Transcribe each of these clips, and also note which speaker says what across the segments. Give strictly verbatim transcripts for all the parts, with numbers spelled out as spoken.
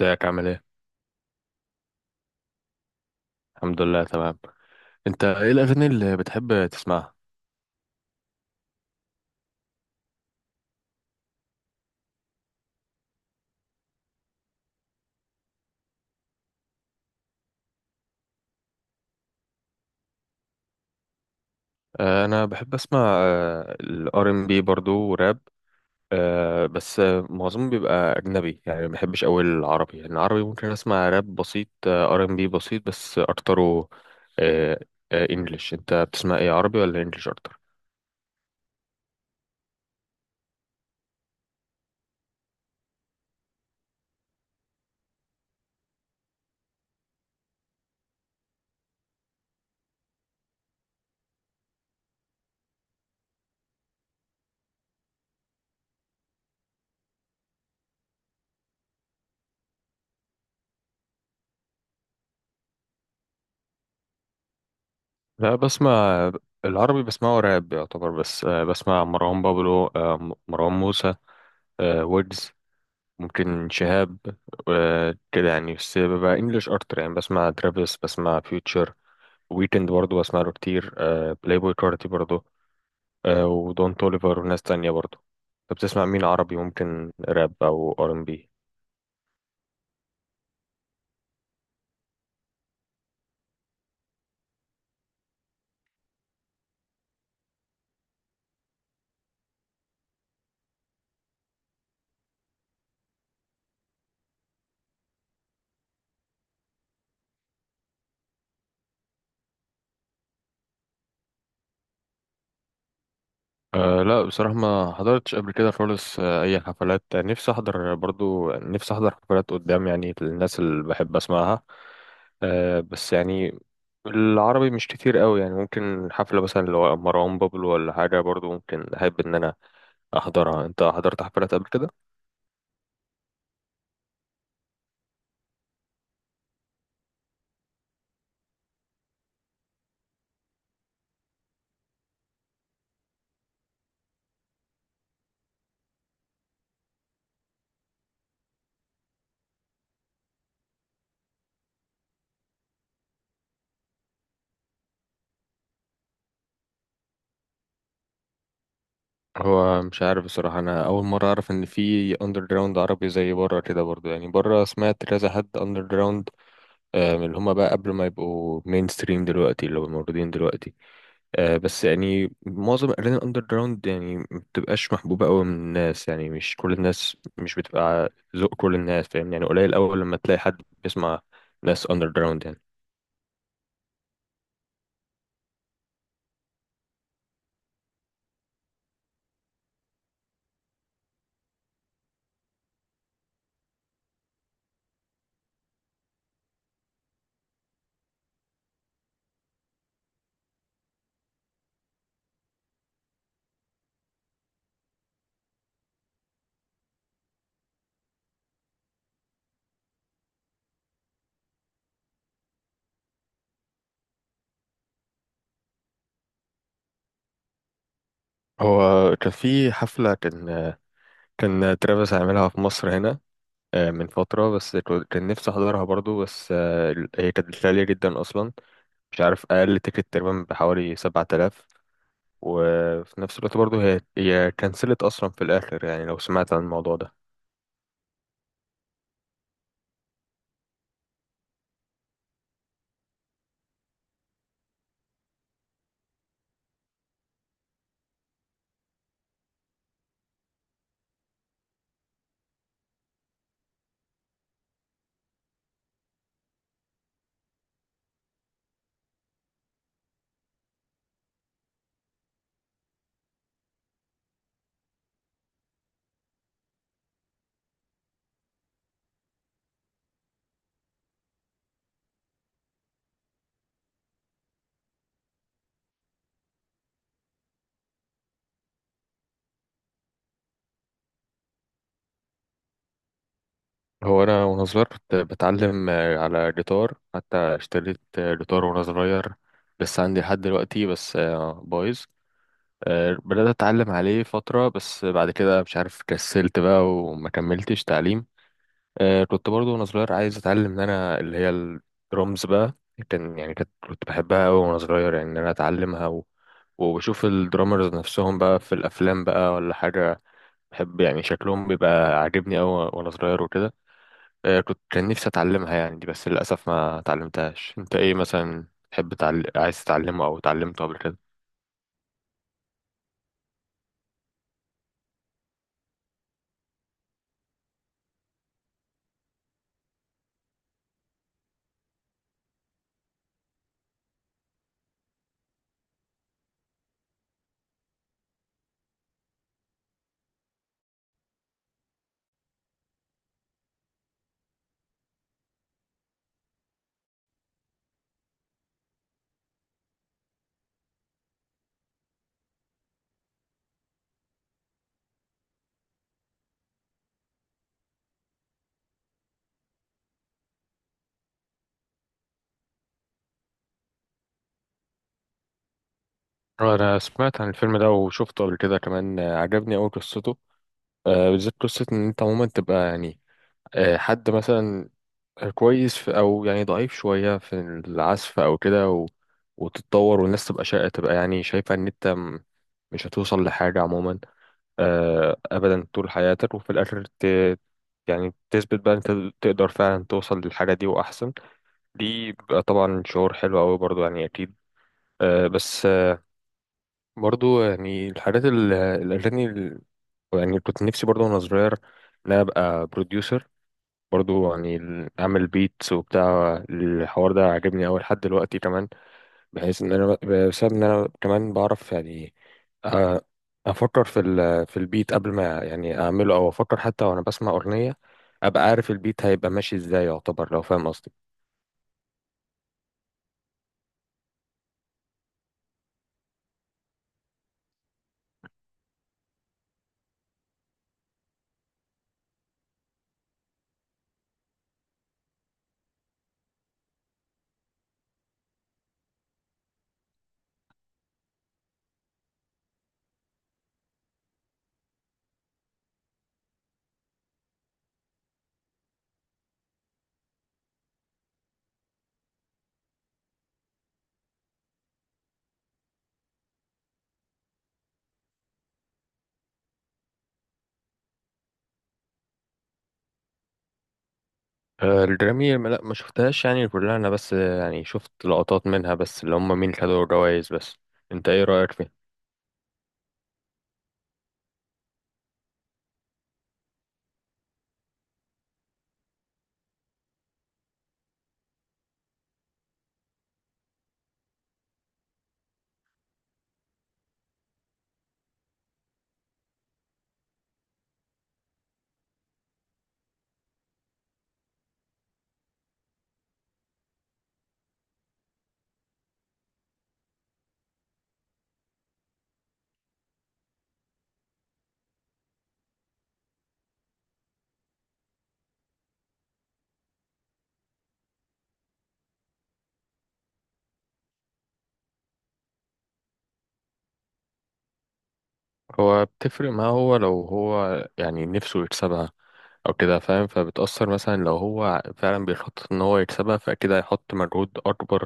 Speaker 1: ازيك عامل ايه؟ الحمد لله تمام. انت ايه الاغاني اللي بتحب تسمعها؟ آه، انا بحب اسمع الار ام بي برضو وراب. آه، بس آه، معظمه بيبقى اجنبي، يعني ما بحبش قوي العربي. يعني العربي ممكن اسمع راب بسيط، ار ام بي بسيط، بس اكتره انجلش. انت بتسمع ايه، عربي ولا انجلش اكتر؟ لا، بسمع. العربي بسمعه راب يعتبر، بس آه، بسمع مروان بابلو، آه، مروان موسى، آه، ويجز، ممكن شهاب، آه، كده يعني. بس ببقى انجلش اكتر، يعني بسمع ترافيس، بسمع فيوتشر، ويكند برضه بسمع له كتير. آه، بلاي بوي كارتي برضه، آه، ودون توليفر وناس تانية برضه. طب بتسمع مين عربي؟ ممكن راب او ار ام بي؟ أه لا، بصراحة ما حضرتش قبل كده خالص آه، أي حفلات. آه، نفسي أحضر، برضو نفسي أحضر حفلات قدام، يعني الناس اللي بحب أسمعها. آه بس يعني العربي مش كتير قوي، يعني ممكن حفلة مثلا لو مروان بابلو ولا حاجة، برضو ممكن أحب إن أنا أحضرها. أنت حضرت حفلات قبل كده؟ هو مش عارف بصراحة، أنا أول مرة أعرف إن في أندر جراوند عربي. زي بره كده برضو، يعني بره سمعت كذا حد أندر جراوند، من اللي هما بقى قبل ما يبقوا مين ستريم دلوقتي اللي هما موجودين دلوقتي. آه، بس يعني معظم الأغاني الأندر جراوند يعني ما بتبقاش محبوبة أوي من الناس، يعني مش كل الناس، مش بتبقى ذوق كل الناس، فاهم؟ يعني قليل أوي لما تلاقي حد بيسمع ناس أندر جراوند يعني. هو كان في حفلة، كان كان ترافيس عاملها في مصر هنا. آه، من فترة، بس كو- كان نفسي أحضرها برضو. بس آه، ال- هي كانت غالية جدا أصلا. مش عارف، أقل تيكت تقريبا بحوالي سبعة آلاف. وفي نفس الوقت برضو هي هي كنسلت أصلا في الآخر، يعني لو سمعت عن الموضوع ده. هو انا، وانا صغير كنت بتعلم آه، على جيتار، حتى اشتريت آه، جيتار وانا صغير. لسه عندي لحد دلوقتي، بس آه، بايظ. آه، بدأت اتعلم عليه فترة، بس بعد كده مش عارف، كسلت بقى وما كملتش تعليم. آه، كنت برضو وانا صغير عايز اتعلم ان انا، اللي هي الدرمز بقى. كان يعني كانت كنت بحبها قوي وانا صغير، يعني ان انا اتعلمها، و... وبشوف الدرامرز نفسهم بقى في الافلام بقى ولا حاجة. بحب يعني شكلهم بيبقى عاجبني قوي وانا صغير وكده. آه، كنت كان نفسي اتعلمها يعني دي، بس للاسف ما اتعلمتهاش. انت ايه مثلا تحب تعل... عايز تتعلمه او اتعلمته قبل كده؟ آه، انا سمعت عن الفيلم ده وشفته قبل كده كمان. آه، عجبني أوي قصته. آه، بالذات قصة ان انت عموما تبقى يعني آه، حد مثلا كويس في، او يعني ضعيف شوية في العزف او كده، و... وتتطور والناس تبقى شا... تبقى يعني شايفة ان انت م- مش هتوصل لحاجة عموما. آه، أبدا طول حياتك، وفي الآخر ت... يعني تثبت بقى أنت تقدر فعلا توصل للحاجة دي، وأحسن دي بيبقى طبعا شعور حلو أوي برضو، يعني أكيد. آه، بس آه، برضو يعني الحاجات ال- الأغاني ال- يعني كنت نفسي برضو وأنا صغير إن أنا أبقى بروديوسر. برضو يعني ال- أعمل بيتس وبتاع الحوار ده عاجبني أوي لحد دلوقتي كمان. بحيث ان انا، بسبب ان انا كمان بعرف يعني أ- افكر في ال- في البيت قبل ما يعني اعمله، او افكر حتى وانا بسمع اغنيه، ابقى عارف البيت هيبقى ماشي ازاي، يعتبر، لو فاهم قصدي. آه، الجرامي ما- لا، ما شفتهاش يعني كلها انا، بس آه، يعني شفت لقطات منها بس، اللي هم مين خدوا الجوائز بس. انت ايه رايك فيه؟ هو بتفرق معاه، هو لو هو يعني نفسه يكسبها او كده فاهم، فبتأثر. مثلا لو هو فعلا بيخطط ان هو يكسبها، فاكيد هيحط مجهود اكبر،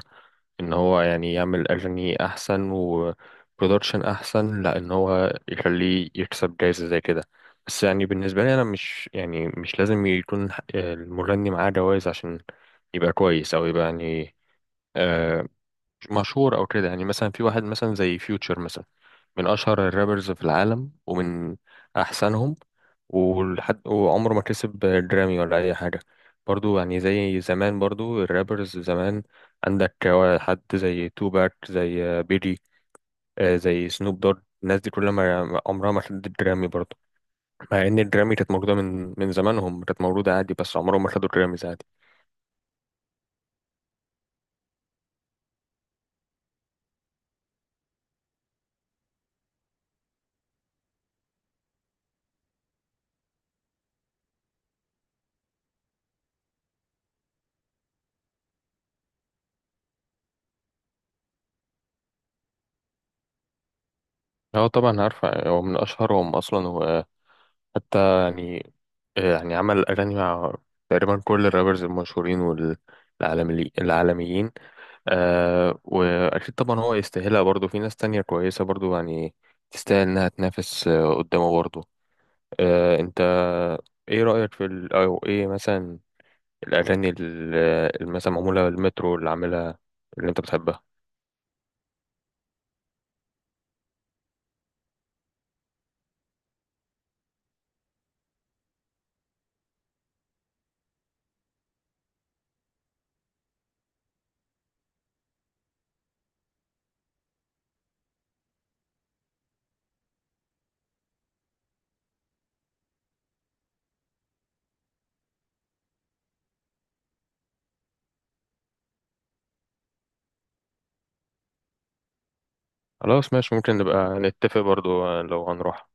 Speaker 1: ان هو يعني يعمل اغاني احسن وبرودكشن احسن، لا ان هو يخليه يكسب جايزة زي كده. بس يعني بالنسبة لي انا، مش يعني مش لازم يكون المغني معاه جوائز عشان يبقى كويس، او يبقى يعني آه، مشهور او كده. يعني مثلا في واحد مثلا زي فيوتشر مثلا، من اشهر الرابرز في العالم ومن احسنهم، ولحد وعمره ما كسب جرامي ولا اي حاجه. برضو يعني زي زمان، برضو الرابرز زمان عندك حد زي توباك، زي بيجي، آه، زي سنوب دوج. الناس دي كلها ما- عمرها ما خدت جرامي برضو، مع ان الجرامي كانت موجوده من من زمانهم، كانت موجوده عادي، بس عمرهم ما خدوا جراميز عادي. هو طبعا عارفه، هو من اشهرهم اصلا. حتى يعني آه، يعني عمل أغاني مع تقريبا كل الرابرز المشهورين والعالمي العالميين. آه وأكيد طبعا هو يستاهلها برضه. في ناس تانية كويسة برضه، يعني تستاهل إنها تنافس آه، قدامه برضه. آه أنت إيه رأيك في ال أو إيه مثلا الأغاني ال- آه، اللي مثلا معمولة المترو اللي عاملها، اللي أنت بتحبها؟ خلاص ماشي، ممكن نبقى نتفق برضه لو هنروح.